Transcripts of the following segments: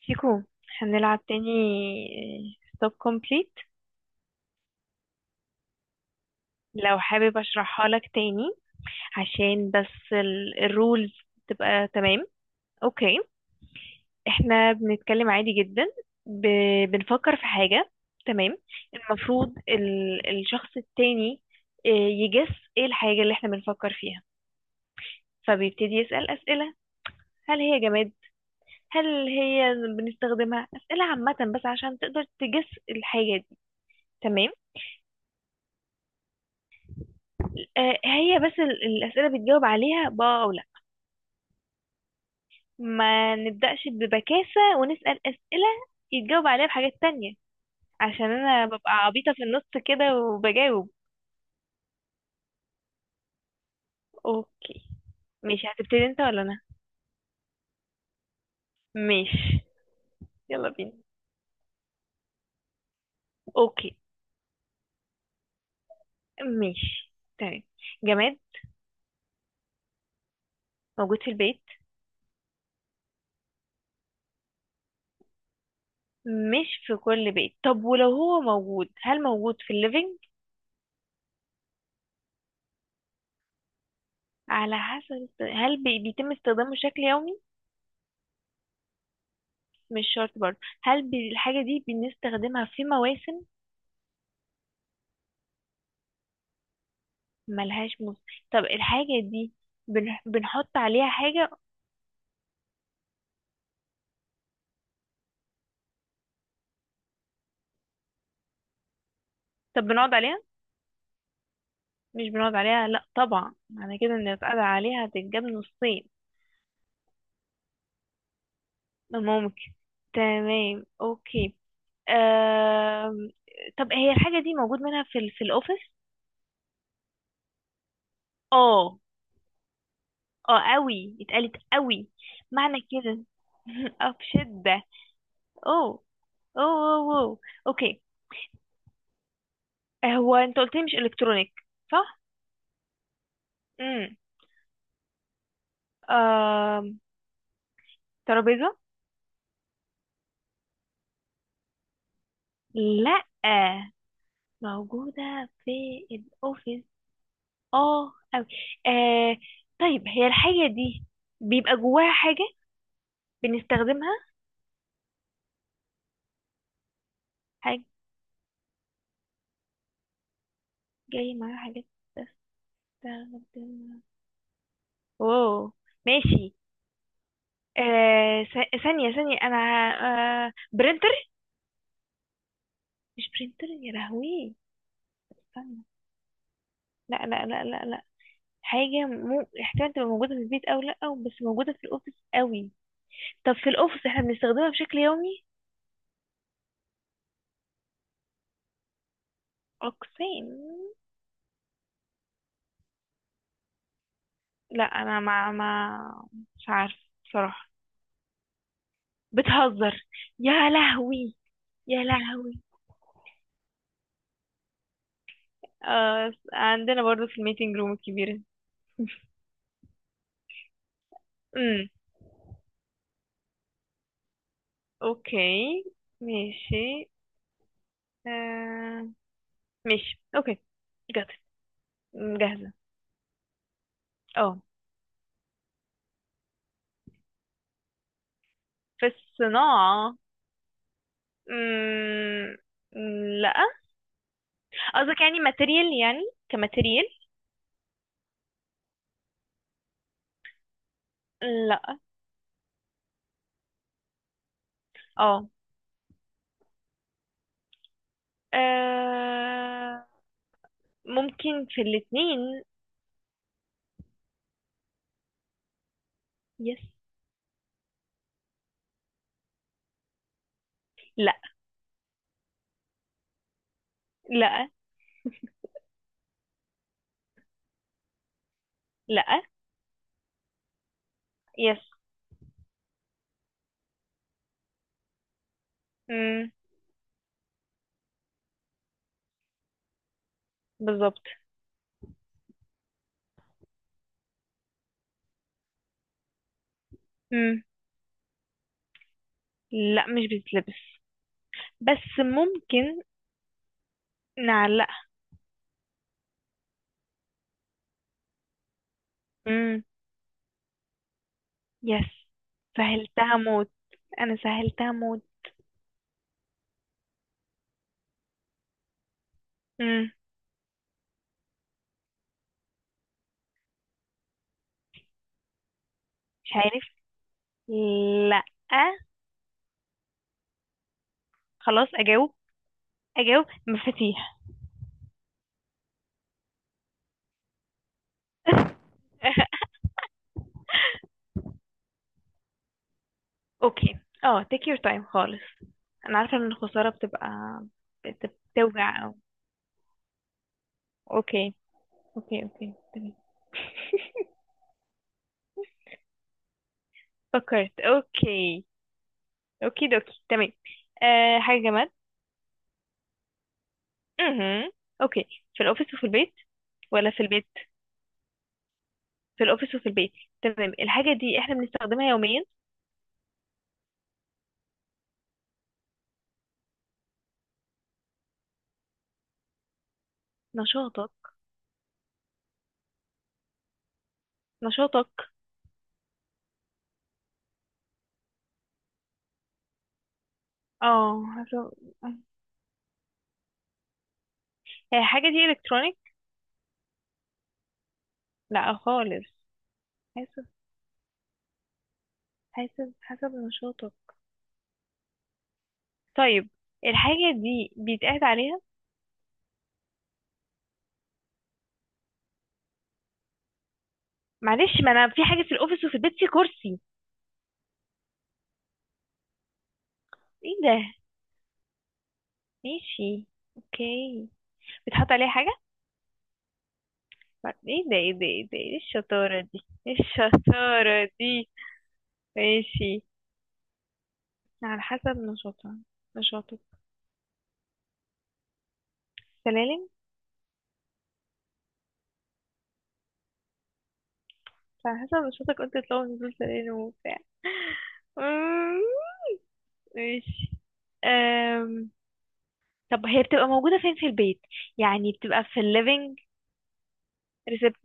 شيكو، هنلعب تاني. ستوب كومبليت. لو حابب اشرحها لك تاني عشان بس الرولز تبقى تمام. اوكي، احنا بنتكلم عادي جدا. ب... بنفكر في حاجة، تمام. المفروض الشخص التاني يجس ايه الحاجة اللي احنا بنفكر فيها، فبيبتدي يسأل أسئلة. هل هي جماد؟ هل هي بنستخدمها؟ أسئلة عامة بس عشان تقدر تجس الحاجة دي. تمام، هي بس الأسئلة بتجاوب عليها بأه أو لأ. ما نبدأش ببكاسة ونسأل أسئلة يتجاوب عليها بحاجات تانية، عشان أنا ببقى عبيطة في النص كده وبجاوب. أوكي، ماشي. هتبتدي أنت ولا أنا؟ ماشي، يلا بينا. أوكي، ماشي، تمام. جماد موجود في البيت؟ مش في كل بيت، طب ولو هو موجود هل موجود في الليفينج؟ بيتم استخدامه بشكل يومي؟ مش شرط برضه، هل الحاجة دي بنستخدمها في مواسم؟ ملهاش موسم. طب الحاجة دي بنحط عليها حاجة؟ طب بنقعد عليها؟ مش بنقعد عليها، لا طبعا، معنى كده ان اتقعد عليها هتتجاب نصين. ممكن، تمام، اوكي. آم... طب هي الحاجة دي موجود منها في في الأوفيس؟ اه. اه قوي، اتقالت قوي، معنى كده اه بشدة. اوه، أوه. اوكي. هو انت قلت لي مش الكترونيك، صح؟ امم آه... ترابيزة؟ لا، موجودة في الأوفيس اه أوي. آه طيب هي الحاجة دي بيبقى جواها حاجة بنستخدمها؟ حاجة جاي معاها حاجة بستخدمها، واو ماشي. ثانية ثانية، أنا. برينتر؟ مش برينتر، يا لهوي. استنى، لا لا لا لا لا. حاجة مو احتمال تبقى موجودة في البيت أو لأ، أو بس موجودة في الأوفيس أوي. طب في الأوفيس احنا بنستخدمها بشكل يومي؟ أقسام؟ لا، أنا ما مش عارفة بصراحة. بتهزر، يا لهوي، يا لهوي. عندنا برضو في الميتنج روم الكبيرة. امم اوكي، ماشي. آه ماشي، اوكي. جات جاهزة. اه، في الصناعة؟ مم... لا. قصدك يعني ماتيريال؟ يعني كماتيريال؟ لا. اه آه، ممكن في الاتنين. يس. لا. لا. لا. يس. مم. بالظبط. مم. لا مش بتتلبس، بس ممكن نعلقها. مم. يس. سهلتها موت، انا سهلتها موت. مم. مش عارف. لا، خلاص اجاوب. اجاوب مفاتيح. اوكي، take your time خالص. انا عارفه ان الخساره بتبقى بتوجع. اوكي. اوكي، اوكي، تمام. فكرت. اوكي، اوكي دوكي، تمام. حاجة جماد. امم اوكي. في الأوفيس وفي البيت ولا في البيت؟ في الأوفيس وفي البيت، تمام. الحاجة دي احنا بنستخدمها يوميا؟ نشاطك، نشاطك، اه حسب. هي الحاجة دي الكترونيك؟ لا خالص. حسب حسب نشاطك. طيب الحاجة دي بيتقعد عليها؟ معلش، ما انا في حاجة في الأوفيس وفي البيت في كرسي. ايه ده؟ ماشي، اوكي. بيتحط عليها حاجة؟ ايه ده، ايه ده، ايه ده، ايه الشطارة دي، ايه الشطارة دي؟ ماشي. على حسب نشاطها، نشاطك. سلالم؟ على حسب نشاطك، قلت تطلعوا نزول سلالم وبتاع. أمم، ماشي. أم... طب هي بتبقى موجودة فين في البيت؟ يعني بتبقى في الليفينج؟ ريسبت؟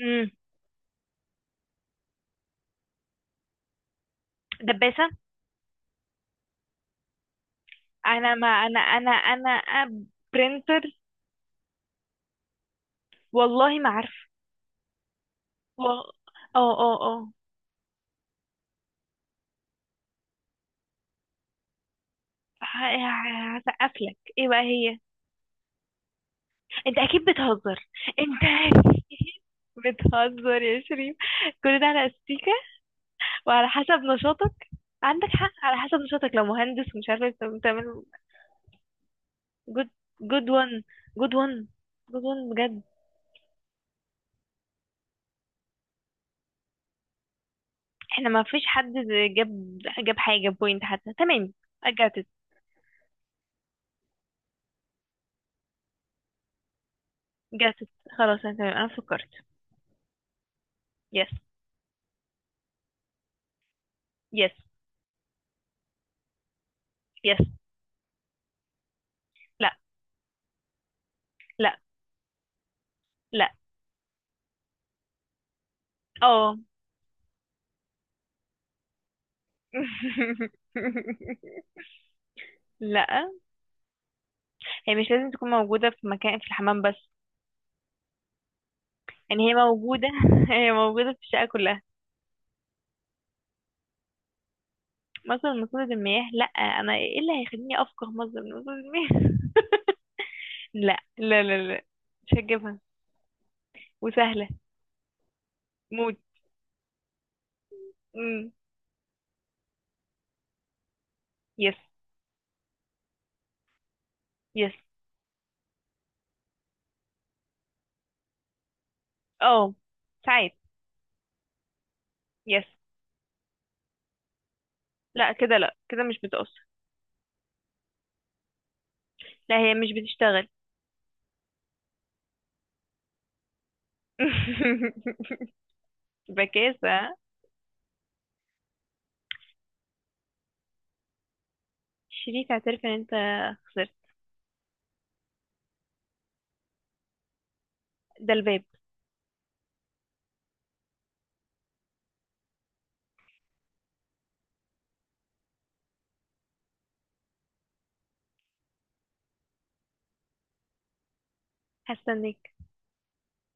أمم، دباسة؟ انا ما انا انا انا برينتر؟ والله ما عارفة. و- اه اه اه هسقفلك. ايه بقى هي؟ انت اكيد بتهزر. انت اكيد بتهزر يا شريف، كل ده على استيكة؟ وعلى حسب نشاطك. عندك حق، على حسب نشاطك لو مهندس ومش عارف انت بتعمل. جود جود وان، جود وان، جود وان بجد. احنا ما فيش حد جاب جاب حاجة بوينت حتى، تمام. I got it. got it. خلاص انا تمام، انا فكرت. يس. يس. يس. لا. لا. لا. اه. لا، هي مش لازم تكون موجودة في مكان في الحمام بس. يعني هي موجودة هي موجودة في الشقة كلها. مصدر من مصادر المياه؟ لا، انا ايه اللي هيخليني افقه مصدر من مصادر المياه؟ لا، لا، لا، لا، مش هجيبها وسهلة موت. مم. يس. يس. اه ساعات. يس. لا كده، لا كده مش بتأثر. لا، هي مش بتشتغل. بكاسة. شريك، اعترف ان انت خسرت. ده الباب. هستناك.